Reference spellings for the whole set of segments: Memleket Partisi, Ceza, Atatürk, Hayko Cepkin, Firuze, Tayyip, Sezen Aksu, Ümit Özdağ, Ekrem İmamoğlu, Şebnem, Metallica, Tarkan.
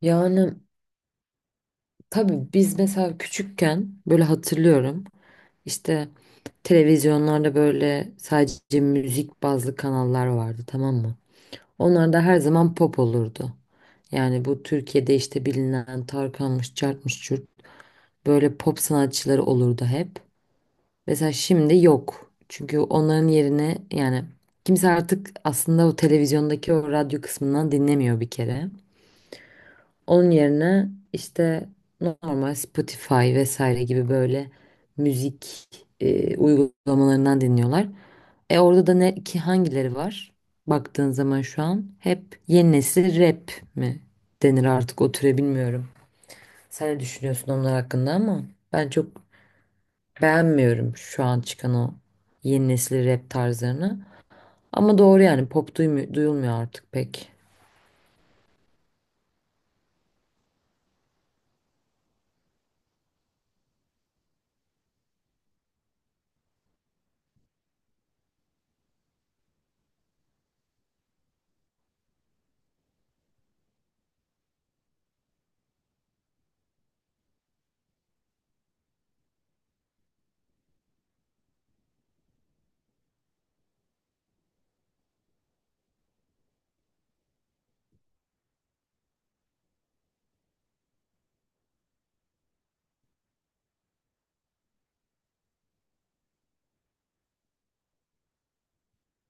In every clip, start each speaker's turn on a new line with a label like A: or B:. A: Yani tabii biz mesela küçükken böyle hatırlıyorum işte televizyonlarda böyle sadece müzik bazlı kanallar vardı, tamam mı? Onlarda her zaman pop olurdu. Yani bu Türkiye'de işte bilinen Tarkan'mış, Cart'mış, Cürt, böyle pop sanatçıları olurdu hep. Mesela şimdi yok. Çünkü onların yerine yani kimse artık aslında o televizyondaki o radyo kısmından dinlemiyor bir kere. Onun yerine işte normal Spotify vesaire gibi böyle müzik uygulamalarından dinliyorlar. E orada da ne ki hangileri var? Baktığın zaman şu an hep yeni nesil rap mi denir artık o türe, bilmiyorum. Sen ne düşünüyorsun onlar hakkında? Ama ben çok beğenmiyorum şu an çıkan o yeni nesil rap tarzlarını. Ama doğru, yani pop duyulmuyor artık pek.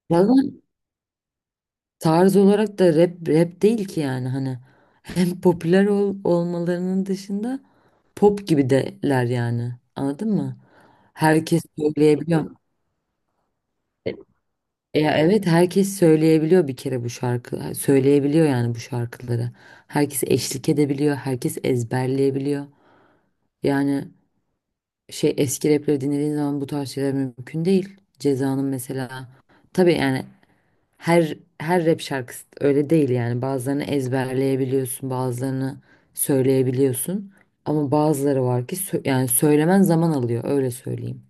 A: Ya tarz olarak da rap rap değil ki, yani hani hem popüler olmalarının dışında pop gibi deler, yani anladın mı? Herkes söyleyebiliyor. E, evet, herkes söyleyebiliyor bir kere bu şarkı söyleyebiliyor yani bu şarkıları. Herkes eşlik edebiliyor, herkes ezberleyebiliyor. Yani şey, eski rapleri dinlediğin zaman bu tarz şeyler mümkün değil. Ceza'nın mesela, tabii yani her rap şarkısı öyle değil yani. Bazılarını ezberleyebiliyorsun, bazılarını söyleyebiliyorsun. Ama bazıları var ki yani söylemen zaman alıyor, öyle söyleyeyim.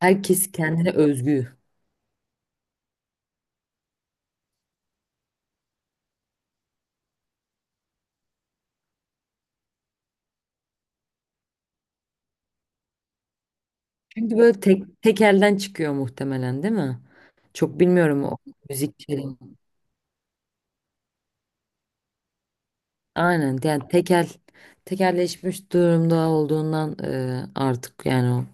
A: Herkes kendine özgü. Çünkü böyle tek tek elden çıkıyor muhtemelen, değil mi? Çok bilmiyorum o müziklerin. Aynen, yani tekel tekelleşmiş durumda olduğundan artık yani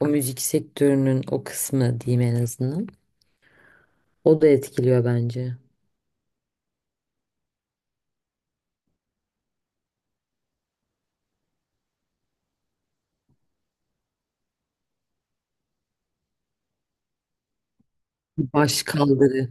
A: o müzik sektörünün o kısmı diyeyim en azından. O da etkiliyor bence. Baş kaldırı.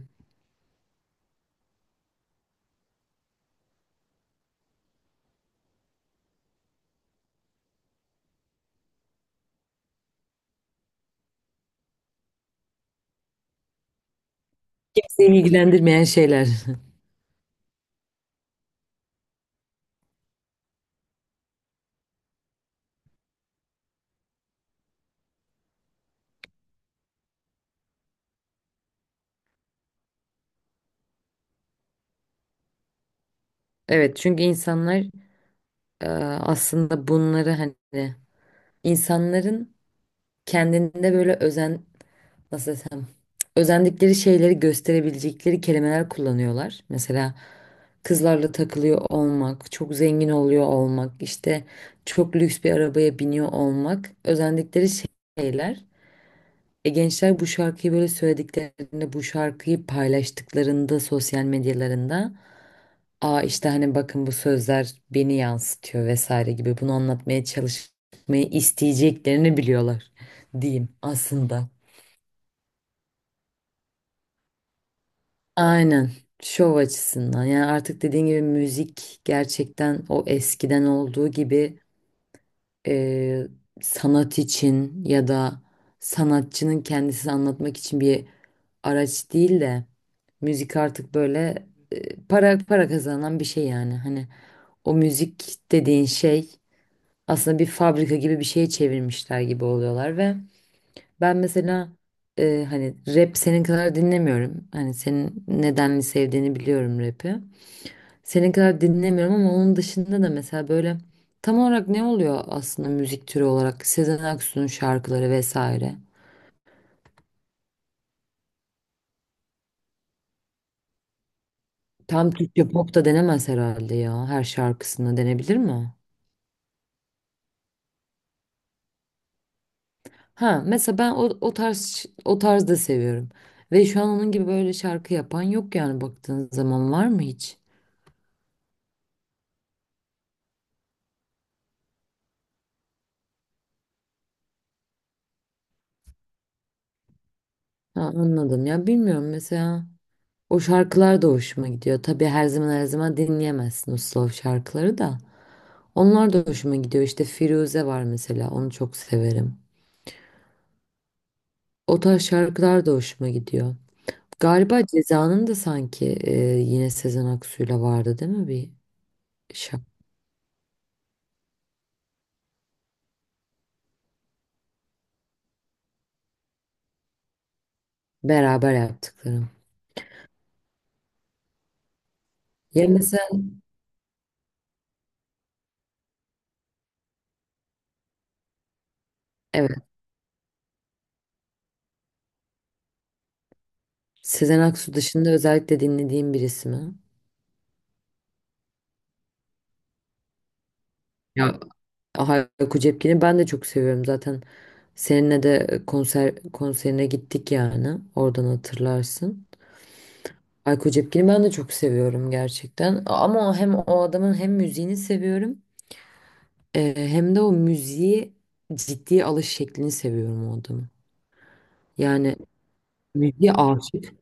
A: Kimseyi ilgilendirmeyen şeyler. Evet, çünkü insanlar, e, aslında bunları hani insanların kendinde böyle özen, nasıl desem, özendikleri şeyleri gösterebilecekleri kelimeler kullanıyorlar. Mesela kızlarla takılıyor olmak, çok zengin oluyor olmak, işte çok lüks bir arabaya biniyor olmak özendikleri şeyler. E, gençler bu şarkıyı böyle söylediklerinde, bu şarkıyı paylaştıklarında sosyal medyalarında, aa işte hani bakın bu sözler beni yansıtıyor vesaire gibi, bunu anlatmaya çalışmayı isteyeceklerini biliyorlar diyeyim aslında. Aynen. Şov açısından. Yani artık dediğin gibi müzik gerçekten o eskiden olduğu gibi e, sanat için ya da sanatçının kendisini anlatmak için bir araç değil de, müzik artık böyle para kazanan bir şey yani. Hani o müzik dediğin şey aslında bir fabrika gibi bir şeye çevirmişler gibi oluyorlar. Ve ben mesela hani rap senin kadar dinlemiyorum. Hani senin nedenli sevdiğini biliyorum rap'i. Senin kadar dinlemiyorum ama onun dışında da mesela böyle tam olarak ne oluyor aslında müzik türü olarak? Sezen Aksu'nun şarkıları vesaire. Tam Türkçe pop da denemez herhalde ya. Her şarkısına denebilir mi? Ha mesela ben o tarz, o tarz da seviyorum. Ve şu an onun gibi böyle şarkı yapan yok yani, baktığın zaman var mı hiç? Ha, anladım, ya bilmiyorum mesela. O şarkılar da hoşuma gidiyor. Tabii her zaman her zaman dinleyemezsin o slow şarkıları da. Onlar da hoşuma gidiyor. İşte Firuze var mesela. Onu çok severim. O tarz şarkılar da hoşuma gidiyor. Galiba Ceza'nın da sanki, yine Sezen Aksu'yla vardı değil mi bir şarkı? Beraber yaptıklarım. Ya mesela evet, Sezen Aksu dışında özellikle dinlediğim birisi mi? Ya Hayko Cepkin'i ben de çok seviyorum zaten. Seninle de konserine gittik yani. Oradan hatırlarsın. Ayko Cepkin'i ben de çok seviyorum gerçekten. Ama hem o adamın hem müziğini seviyorum. Hem de o müziği ciddiye alış şeklini seviyorum o adamın. Yani müziğe aşık.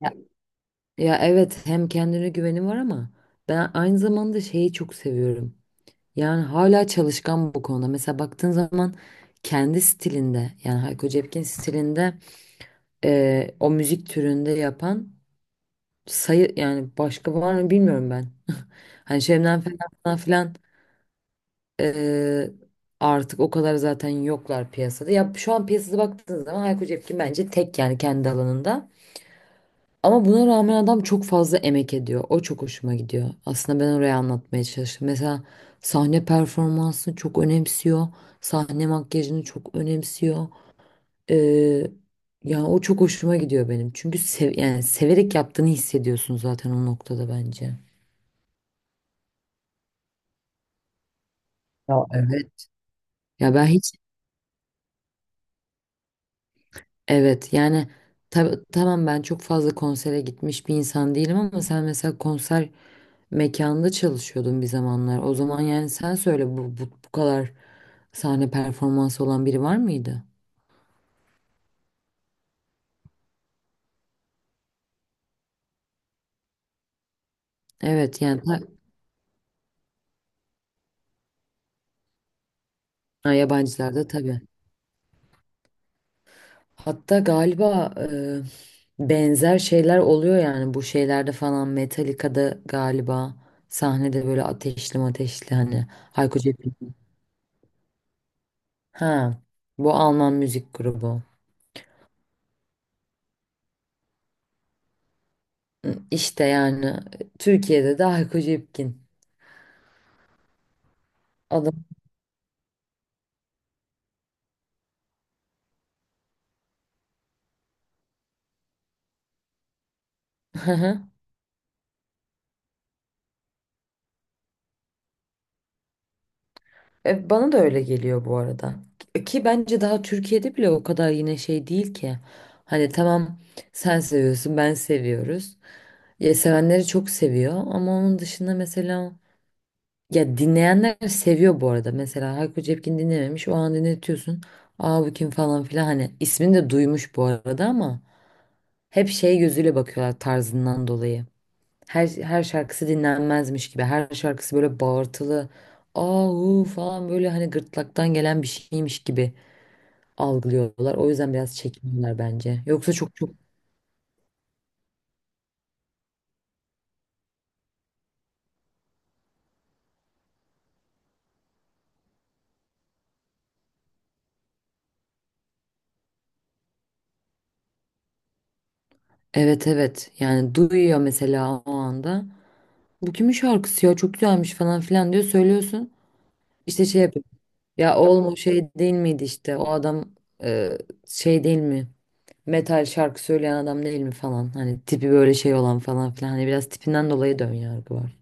A: Ya, ya, evet, hem kendine güveni var ama ben aynı zamanda şeyi çok seviyorum. Yani hala çalışkan bu konuda. Mesela baktığın zaman kendi stilinde, yani Hayko Cepkin stilinde, o müzik türünde yapan sayı yani başka var mı bilmiyorum ben. Hani Şebnem falan filan, eee, artık o kadar zaten yoklar piyasada. Ya şu an piyasada baktığınız zaman Hayko Cepkin bence tek yani kendi alanında. Ama buna rağmen adam çok fazla emek ediyor. O çok hoşuma gidiyor. Aslında ben oraya anlatmaya çalıştım. Mesela sahne performansını çok önemsiyor. Sahne makyajını çok önemsiyor. Eee ya o çok hoşuma gidiyor benim. Çünkü yani severek yaptığını hissediyorsun zaten o noktada bence. Ya evet. Ya ben hiç, evet yani tamam, ben çok fazla konsere gitmiş bir insan değilim ama sen mesela konser mekanında çalışıyordun bir zamanlar. O zaman yani sen söyle, bu kadar sahne performansı olan biri var mıydı? Evet yani ha, yabancılarda tabii. Hatta galiba benzer şeyler oluyor yani bu şeylerde falan, Metallica'da galiba sahnede böyle ateşli ateşli, hani Hayko Cepkin. Ha, bu Alman müzik grubu. Hı, İşte yani Türkiye'de de Hayko Cepkin adam. Hı hı. E, bana da öyle geliyor bu arada. Ki bence daha Türkiye'de bile o kadar yine şey değil ki. Hani tamam, sen seviyorsun, ben seviyoruz. Ya sevenleri çok seviyor ama onun dışında mesela, ya dinleyenler seviyor bu arada. Mesela Hayko Cepkin dinlememiş, o an dinletiyorsun. Aa bu kim falan filan, hani ismini de duymuş bu arada ama hep şey gözüyle bakıyorlar tarzından dolayı. Her şarkısı dinlenmezmiş gibi. Her şarkısı böyle bağırtılı. Ahu falan, böyle hani gırtlaktan gelen bir şeymiş gibi algılıyorlar. O yüzden biraz çekiniyorlar bence. Yoksa çok çok, evet evet, yani duyuyor mesela o anda. Bu kimin şarkısı ya, çok güzelmiş falan filan diyor, söylüyorsun. İşte şey yapıyor. Ya oğlum o şey değil miydi işte o adam, e, şey değil mi? Metal şarkı söyleyen adam değil mi falan. Hani tipi böyle şey olan falan filan. Hani biraz tipinden dolayı dön yargı var.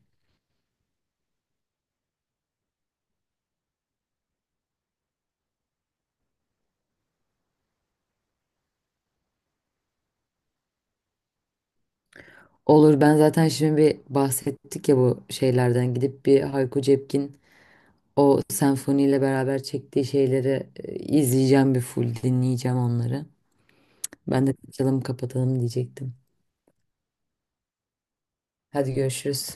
A: Olur, ben zaten şimdi bir bahsettik ya bu şeylerden, gidip bir Hayko Cepkin o senfoniyle beraber çektiği şeyleri izleyeceğim, bir full dinleyeceğim onları. Ben de açalım kapatalım diyecektim. Hadi görüşürüz.